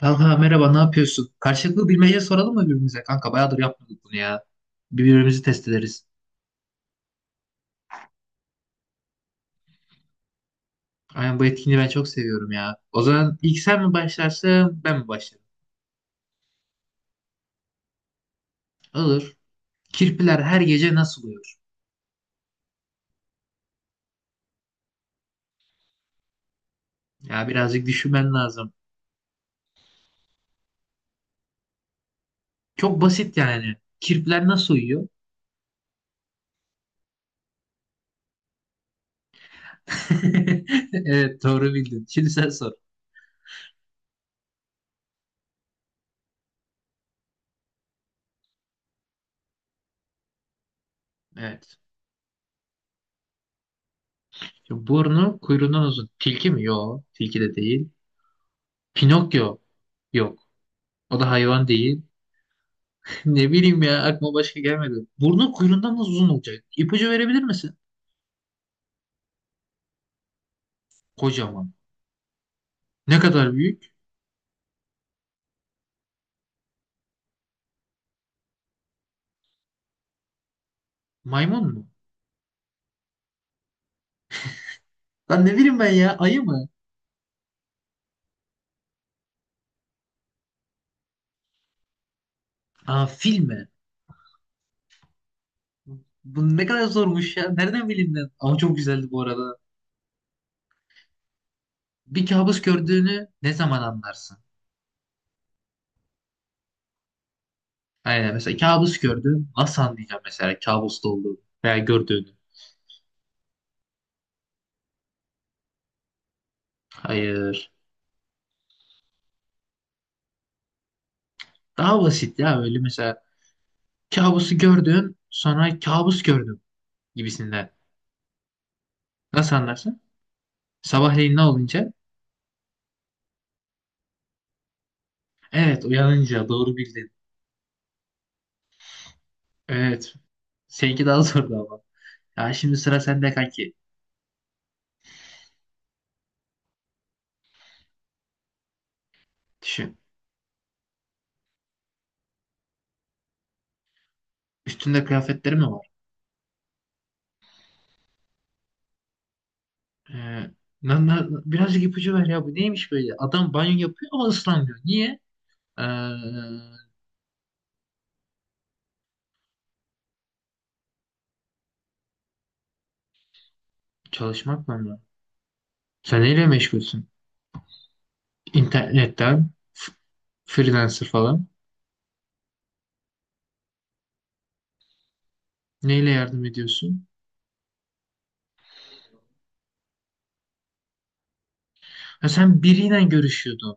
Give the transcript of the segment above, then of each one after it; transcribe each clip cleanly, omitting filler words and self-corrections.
Kanka merhaba, ne yapıyorsun? Karşılıklı bilmece soralım mı birbirimize? Kanka bayağıdır yapmadık bunu ya. Birbirimizi test ederiz. Aynen, bu etkinliği ben çok seviyorum ya. O zaman ilk sen mi başlarsın ben mi başlarım? Olur. Kirpiler her gece nasıl uyur? Ya birazcık düşünmen lazım. Çok basit yani. Kirpiler nasıl uyuyor? Evet, doğru bildin. Şimdi sen sor. Evet. Şimdi burnu kuyruğundan uzun. Tilki mi? Yok. Tilki de değil. Pinokyo. Yok. O da hayvan değil. Ne bileyim ya, aklıma başka gelmedi. Burnu kuyruğundan nasıl uzun olacak? İpucu verebilir misin? Kocaman. Ne kadar büyük? Maymun mu? Lan ne bileyim ben ya, ayı mı? Aa, fil mi? Bu ne kadar zormuş ya. Nereden bileyim ben? Ama çok güzeldi bu arada. Bir kabus gördüğünü ne zaman anlarsın? Aynen, mesela kabus gördün. Nasıl anlayacağım mesela kabusta olduğunu veya gördüğünü? Hayır. Daha basit ya, öyle mesela kabusu gördün sonra kabus gördüm gibisinden. Nasıl anlarsın? Sabahleyin ne olunca? Evet, uyanınca doğru bildin. Evet. Seninki daha zordu ama. Ya şimdi sıra sende kanki. Düşün. Üstünde kıyafetleri mi var? Ee, birazcık ipucu ver ya. Bu neymiş böyle? Adam banyo yapıyor ama ıslanmıyor. Niye? Ee, çalışmak mı? Onlar? Sen neyle meşgulsün? İnternetten, freelancer falan. Neyle yardım ediyorsun? Ha, sen biriyle görüşüyordun.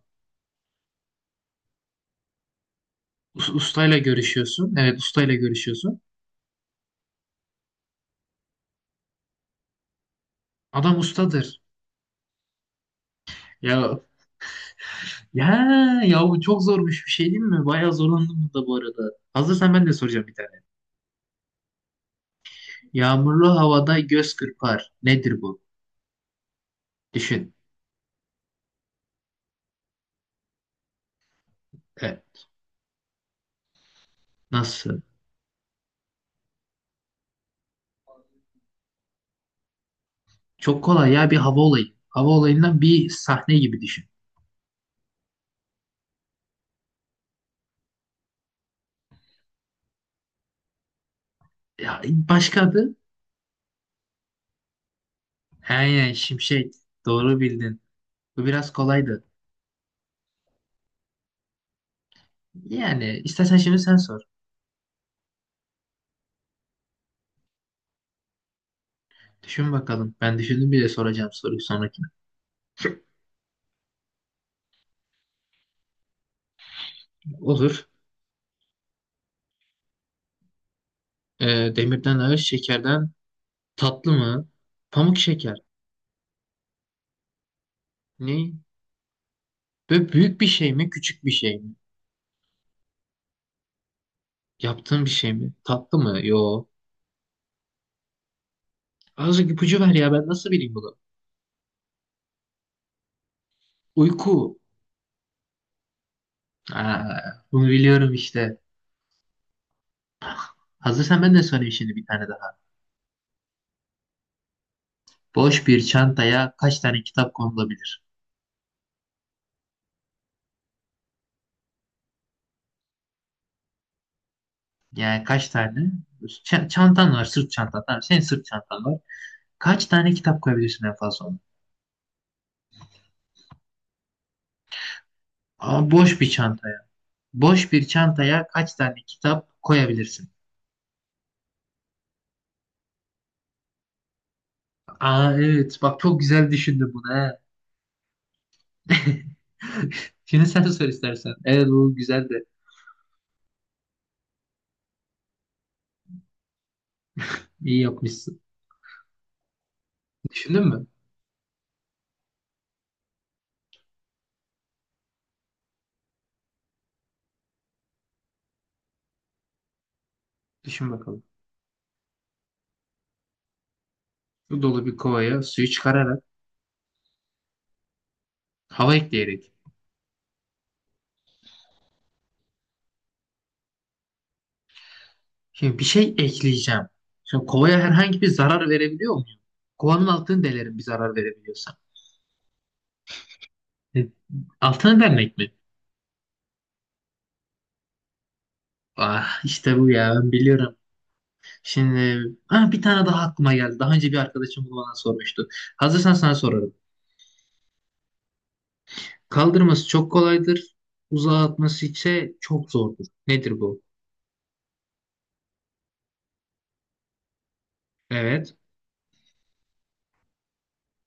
Ustayla görüşüyorsun. Evet, ustayla görüşüyorsun. Adam ustadır. Ya, ya, bu çok zormuş bir şey değil mi? Bayağı zorlandım bunda bu arada. Hazırsan ben de soracağım bir tane. Yağmurlu havada göz kırpar. Nedir bu? Düşün. E, nasıl? Çok kolay ya, bir hava olayı. Hava olayından bir sahne gibi düşün. Ya, başka adı? He, şimşek. Doğru bildin. Bu biraz kolaydı. Yani istersen şimdi sen sor. Düşün bakalım. Ben düşündüm bile, soracağım soruyu sonraki. Olur. E, demirden ağır, şekerden tatlı mı? Pamuk şeker. Ne? Böyle büyük bir şey mi, küçük bir şey mi? Yaptığın bir şey mi? Tatlı mı? Yo. Azıcık ipucu ver ya, ben nasıl bileyim bunu? Uyku. Aa, bunu biliyorum işte. Hazırsan ben de sorayım şimdi bir tane daha. Boş bir çantaya kaç tane kitap konulabilir? Yani kaç tane? Çantan var, sırt çantan. Tamam, senin sırt çantan var. Kaç tane kitap koyabilirsin en fazla ona? Ama boş bir çantaya. Boş bir çantaya kaç tane kitap koyabilirsin? Aa evet, bak çok güzel düşündün bunu he. Şimdi sen sor istersen. Evet bu güzel de iyi yapmışsın. Düşündün mü? Düşün bakalım. Su dolu bir kovaya suyu çıkararak, hava ekleyerek. Şimdi bir şey ekleyeceğim. Şimdi kovaya herhangi bir zarar verebiliyor muyum? Kovanın altını delerim bir zarar verebiliyorsam. E, altını delmek mi? Ah işte bu ya, ben biliyorum. Şimdi ah, bir tane daha aklıma geldi. Daha önce bir arkadaşım bunu bana sormuştu. Hazırsan sana sorarım. Kaldırması çok kolaydır. Uzağa atması ise çok zordur. Nedir bu? Evet.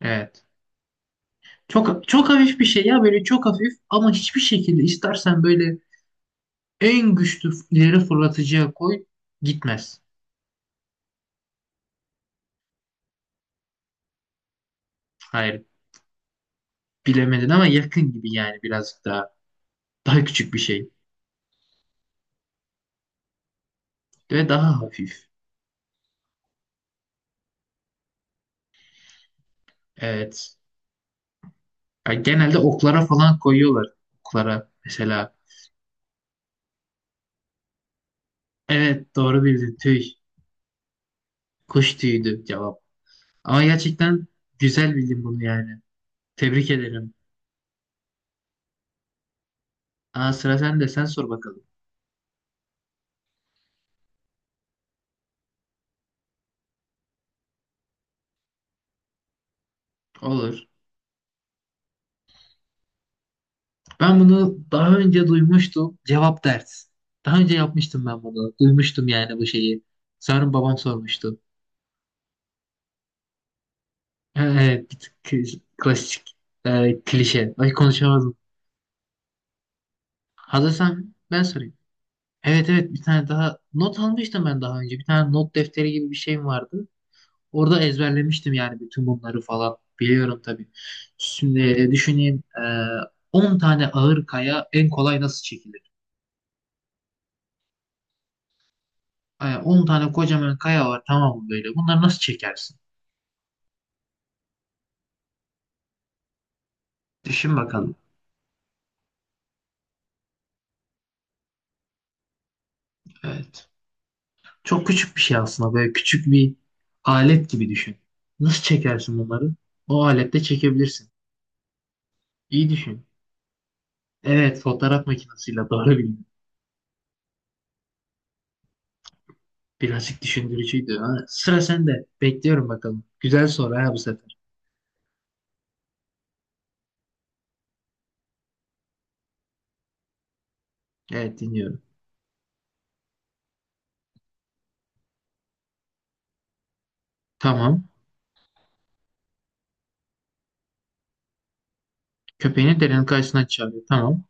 Evet. Çok çok hafif bir şey ya, böyle çok hafif ama hiçbir şekilde istersen böyle en güçlü ileri fırlatıcıya koy, gitmez. Hayır, bilemedin ama yakın gibi, yani birazcık daha, daha küçük bir şey ve daha hafif. Evet. Ya genelde oklara falan koyuyorlar. Oklara mesela. Evet, doğru bildin, tüy. Kuş tüyüydü cevap. Ama gerçekten güzel bildin bunu yani. Tebrik ederim. Aa sıra sende, sen sor bakalım. Olur. Ben bunu daha önce duymuştum. Cevap ders. Daha önce yapmıştım ben bunu. Duymuştum yani bu şeyi. Sanırım babam sormuştu. Evet, bir tık klasik, klişe. Ay konuşamadım. Hazırsan ben sorayım. Evet evet, bir tane daha not almıştım ben daha önce. Bir tane not defteri gibi bir şeyim vardı. Orada ezberlemiştim yani bütün bunları falan. Biliyorum tabii. Şimdi düşüneyim. 10 tane ağır kaya en kolay nasıl çekilir? 10 tane kocaman kaya var tamam mı böyle? Bunları nasıl çekersin? Düşün bakalım. Evet. Çok küçük bir şey aslında. Böyle küçük bir alet gibi düşün. Nasıl çekersin bunları? O alette çekebilirsin. İyi düşün. Evet, fotoğraf makinesiyle doğru bildin. Birazcık düşündürücüydü. Ha, sıra sende. Bekliyorum bakalım. Güzel soru ha bu sefer. Evet, dinliyorum. Tamam. Köpeğini derenin karşısına çağırıyor. Tamam.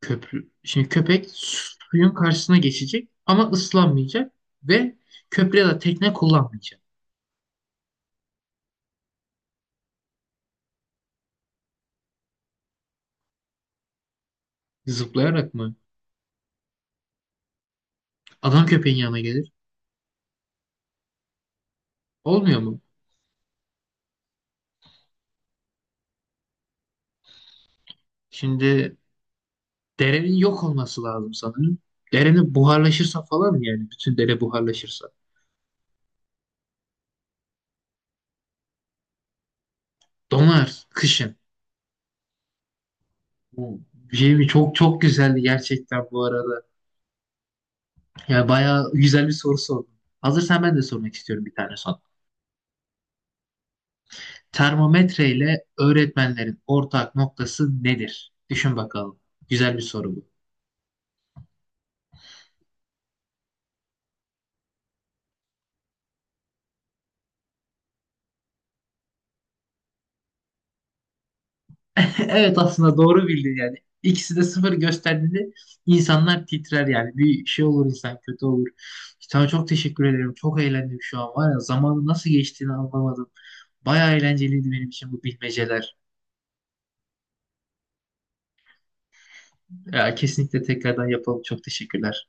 Köprü. Şimdi köpek suyun karşısına geçecek ama ıslanmayacak ve köprü ya da tekne kullanmayacak. Zıplayarak mı? Adam köpeğin yanına gelir. Olmuyor mu? Şimdi derenin yok olması lazım sanırım. Derenin buharlaşırsa falan, yani bütün dere buharlaşırsa. Donar kışın. Bu şey mi? Çok çok güzeldi gerçekten bu arada. Yani bayağı güzel bir soru sordun. Hazırsan ben de sormak istiyorum bir tane sana. Termometre ile öğretmenlerin ortak noktası nedir? Düşün bakalım. Güzel bir soru bu. Evet, aslında doğru bildin yani. İkisi de sıfır gösterdiğinde insanlar titrer yani. Bir şey olur, insan kötü olur. Sana çok teşekkür ederim. Çok eğlendim şu an var ya. Zamanın nasıl geçtiğini anlamadım. Bayağı eğlenceliydi benim için bu bilmeceler. Ya, kesinlikle tekrardan yapalım. Çok teşekkürler.